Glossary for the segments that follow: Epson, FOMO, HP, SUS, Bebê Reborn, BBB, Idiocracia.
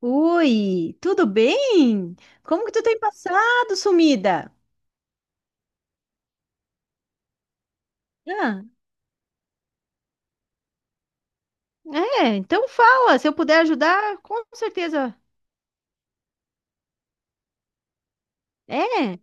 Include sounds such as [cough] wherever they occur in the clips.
Oi, tudo bem? Como que tu tem passado, sumida? Ah, é, então fala, se eu puder ajudar, com certeza. É,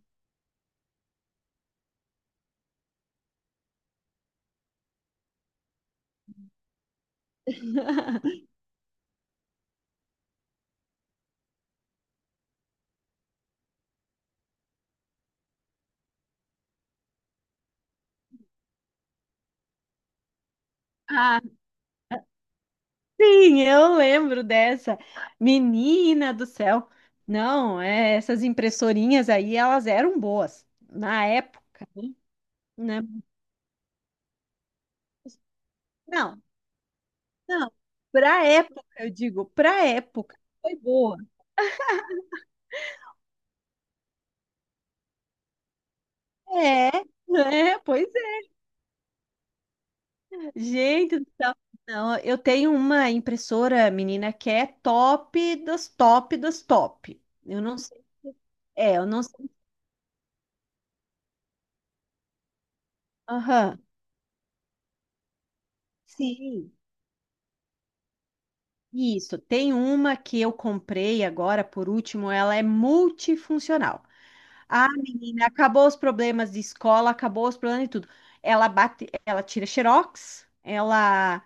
ah, sim, eu lembro dessa. Menina do céu. Não, é, essas impressorinhas aí, elas eram boas na época, né? Não, não. Pra época, eu digo, pra época foi boa. É, né? Pois gente do céu. Não, eu tenho uma impressora, menina, que é top dos top dos top. Eu não sei. É, eu não sei. Aham. Sim. Isso. Tem uma que eu comprei agora, por último, ela é multifuncional. Ah, menina, acabou os problemas de escola, acabou os problemas de tudo. Ela bate, ela tira xerox, ela,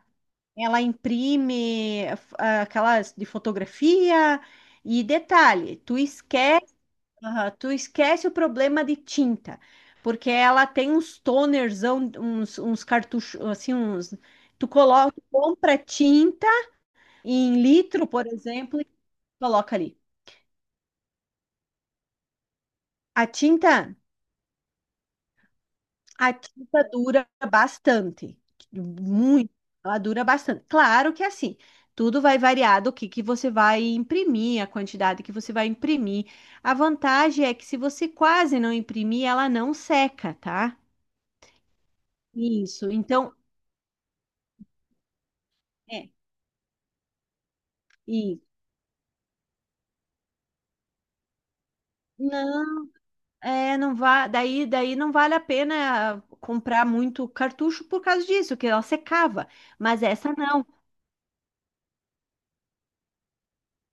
ela imprime ah, aquelas de fotografia. E detalhe, tu esquece. Aham, tu esquece o problema de tinta, porque ela tem uns tonerzão, uns cartuchos, assim, uns. Tu coloca, tu compra tinta em litro, por exemplo, e coloca ali. A tinta, a tinta dura bastante, muito, ela dura bastante. Claro que é assim, tudo vai variar do que você vai imprimir, a quantidade que você vai imprimir. A vantagem é que se você quase não imprimir, ela não seca, tá? Isso. Então, é. E não, é, não daí não vale a pena comprar muito cartucho por causa disso, que ela secava. Mas essa não,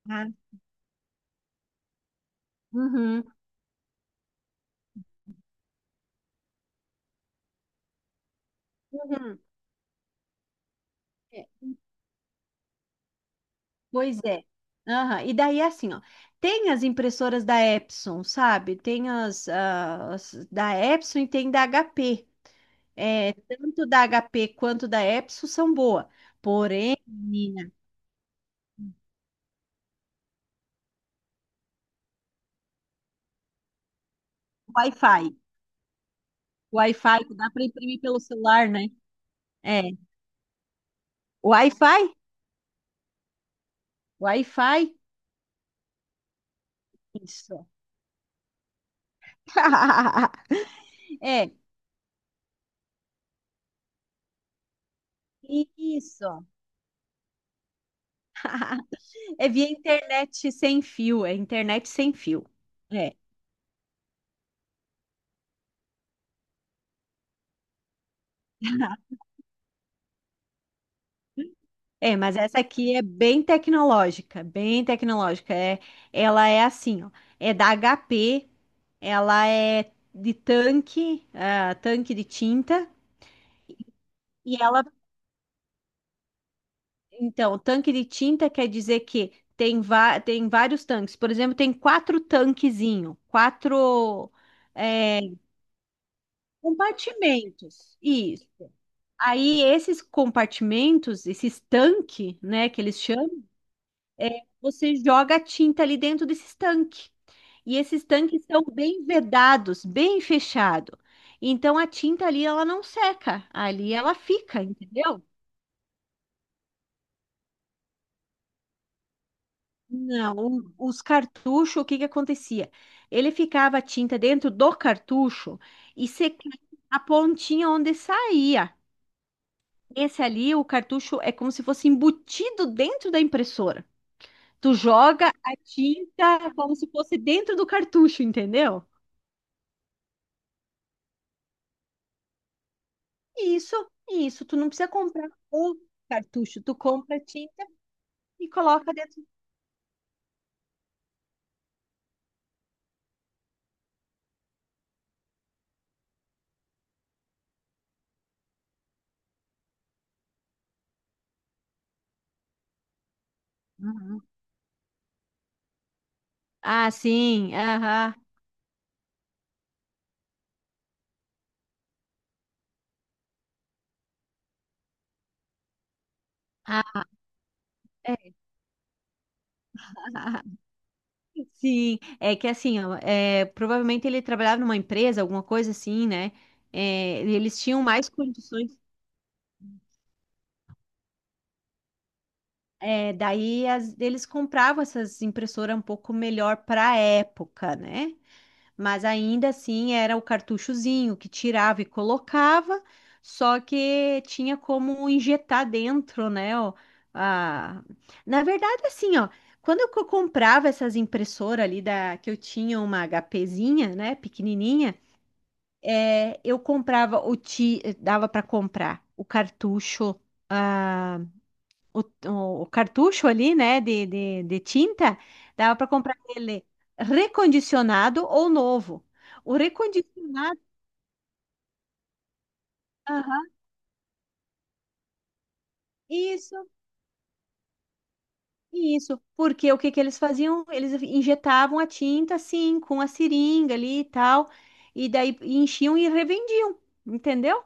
tá? Uhum, uhum. É, pois é. Aham, e daí é assim, ó, tem as impressoras da Epson, sabe? Tem as, ah, as da Epson e tem da HP. É, tanto da HP quanto da Epson são boas. Porém, menina, Wi-Fi. Wi-Fi que dá para imprimir pelo celular, né? É. Wi-Fi? Wi-Fi? Isso. [laughs] É, isso. [laughs] É via internet sem fio, é internet sem fio. É. [laughs] É, mas essa aqui é bem tecnológica, bem tecnológica. É, ela é assim, ó, é da HP, ela é de tanque, ah, tanque de tinta, e ela, então, o tanque de tinta quer dizer que tem, tem vários tanques. Por exemplo, tem quatro tanquezinho, quatro é, compartimentos, isso. Aí esses compartimentos, esses tanque, né, que eles chamam, é, você joga a tinta ali dentro desses tanque. E esses tanques são bem vedados, bem fechado. Então a tinta ali ela não seca, ali ela fica, entendeu? Não, os cartuchos, o que que acontecia? Ele ficava a tinta dentro do cartucho e secava a pontinha onde saía. Esse ali, o cartucho é como se fosse embutido dentro da impressora. Tu joga a tinta como se fosse dentro do cartucho, entendeu? Isso, isso. Tu não precisa comprar o cartucho. Tu compra a tinta e coloca dentro. Uhum. Ah, sim. Aham. Ah, é. [laughs] Sim, é que assim, ó, é, provavelmente ele trabalhava numa empresa, alguma coisa assim, né? É, eles tinham mais condições. É, daí eles compravam essas impressoras um pouco melhor para a época, né? Mas ainda assim era o cartuchozinho que tirava e colocava, só que tinha como injetar dentro, né? Ó, a- na verdade, assim, ó, quando eu comprava essas impressoras ali da que eu tinha uma HPzinha, né, pequenininha, é, eu comprava o ti, dava para comprar o cartucho, ah, o, o cartucho ali, né, de tinta, dava para comprar ele recondicionado ou novo. O recondicionado, aham, isso, isso. Porque o que que eles faziam? Eles injetavam a tinta assim, com a seringa ali e tal, e daí enchiam e revendiam, entendeu?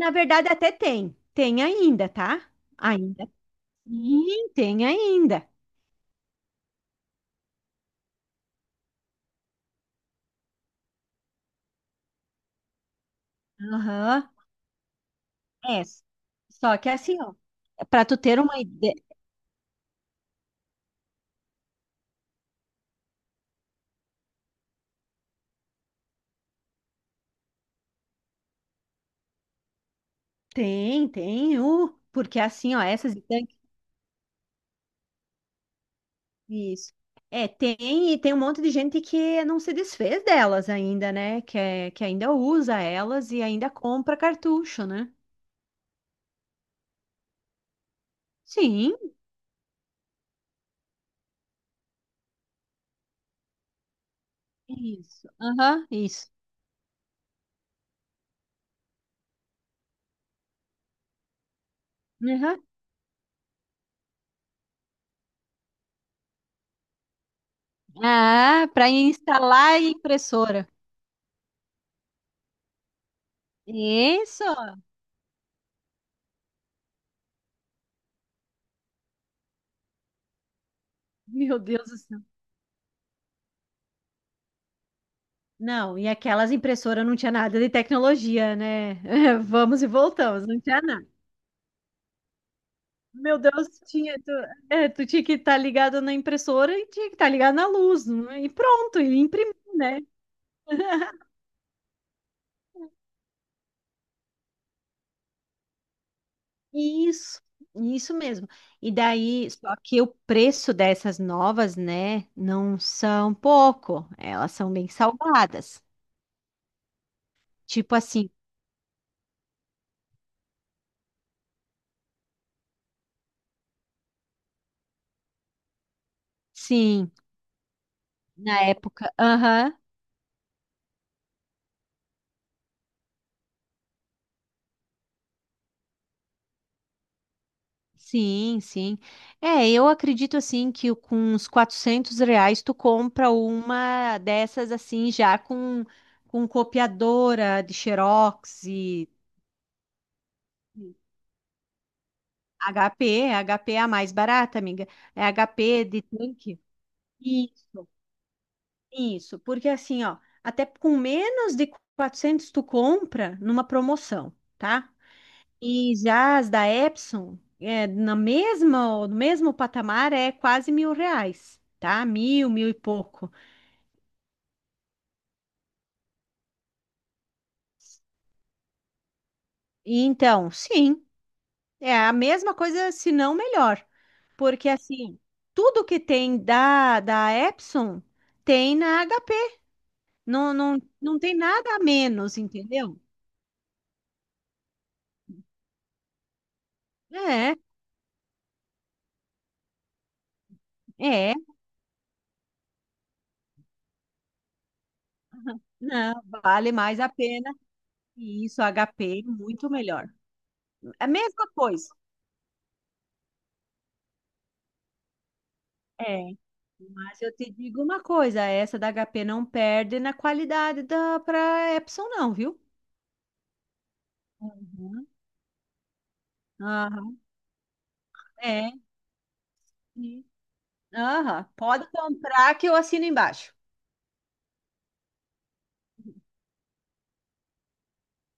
Na verdade, até tem. Tem ainda, tá? Ainda sim, tem ainda. Aham. É. Só que assim, ó, para tu ter uma ideia, tem, tem, porque assim, ó, essas tanques, isso. É, tem, e tem um monte de gente que não se desfez delas ainda, né? Que, é, que ainda usa elas e ainda compra cartucho, né? Sim, isso. Aham, isso. Aham. Ah, para instalar a impressora. Isso. Meu Deus do céu. Não, e aquelas impressoras não tinha nada de tecnologia, né? [laughs] Vamos e voltamos, não tinha nada. Meu Deus, tinha, tu, é, tu tinha que estar ligado na impressora e tinha que estar ligado na luz, né? E pronto, e imprimir, né? [laughs] Isso, isso mesmo. E daí, só que o preço dessas novas, né, não são pouco, elas são bem salgadas. Tipo assim, sim, na época, aham. Sim, sim. É, eu acredito assim que com uns R$ 400 tu compra uma dessas assim já com copiadora de Xerox e HP. HP é a mais barata, amiga. É HP de tanque. Isso, isso. Porque assim, ó, até com menos de 400 tu compra numa promoção, tá? E já as da Epson, é, na mesma, no mesmo patamar, é quase R$ 1.000, tá? Mil, mil e pouco. E então, sim, é a mesma coisa, se não melhor. Porque, assim, tudo que tem da, da Epson tem na HP. Não, não, não tem nada a menos, entendeu? É, é, não, vale mais a pena. E isso, HP, muito melhor. É a mesma coisa. É. Mas eu te digo uma coisa, essa da HP não perde na qualidade da para Epson não, viu? Uhum. Aham, é, sim. Aham, pode comprar que eu assino embaixo.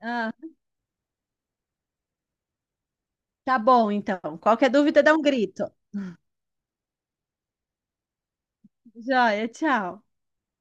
Ah, tá bom, então. Qualquer dúvida, dá um grito. Joia, tchau.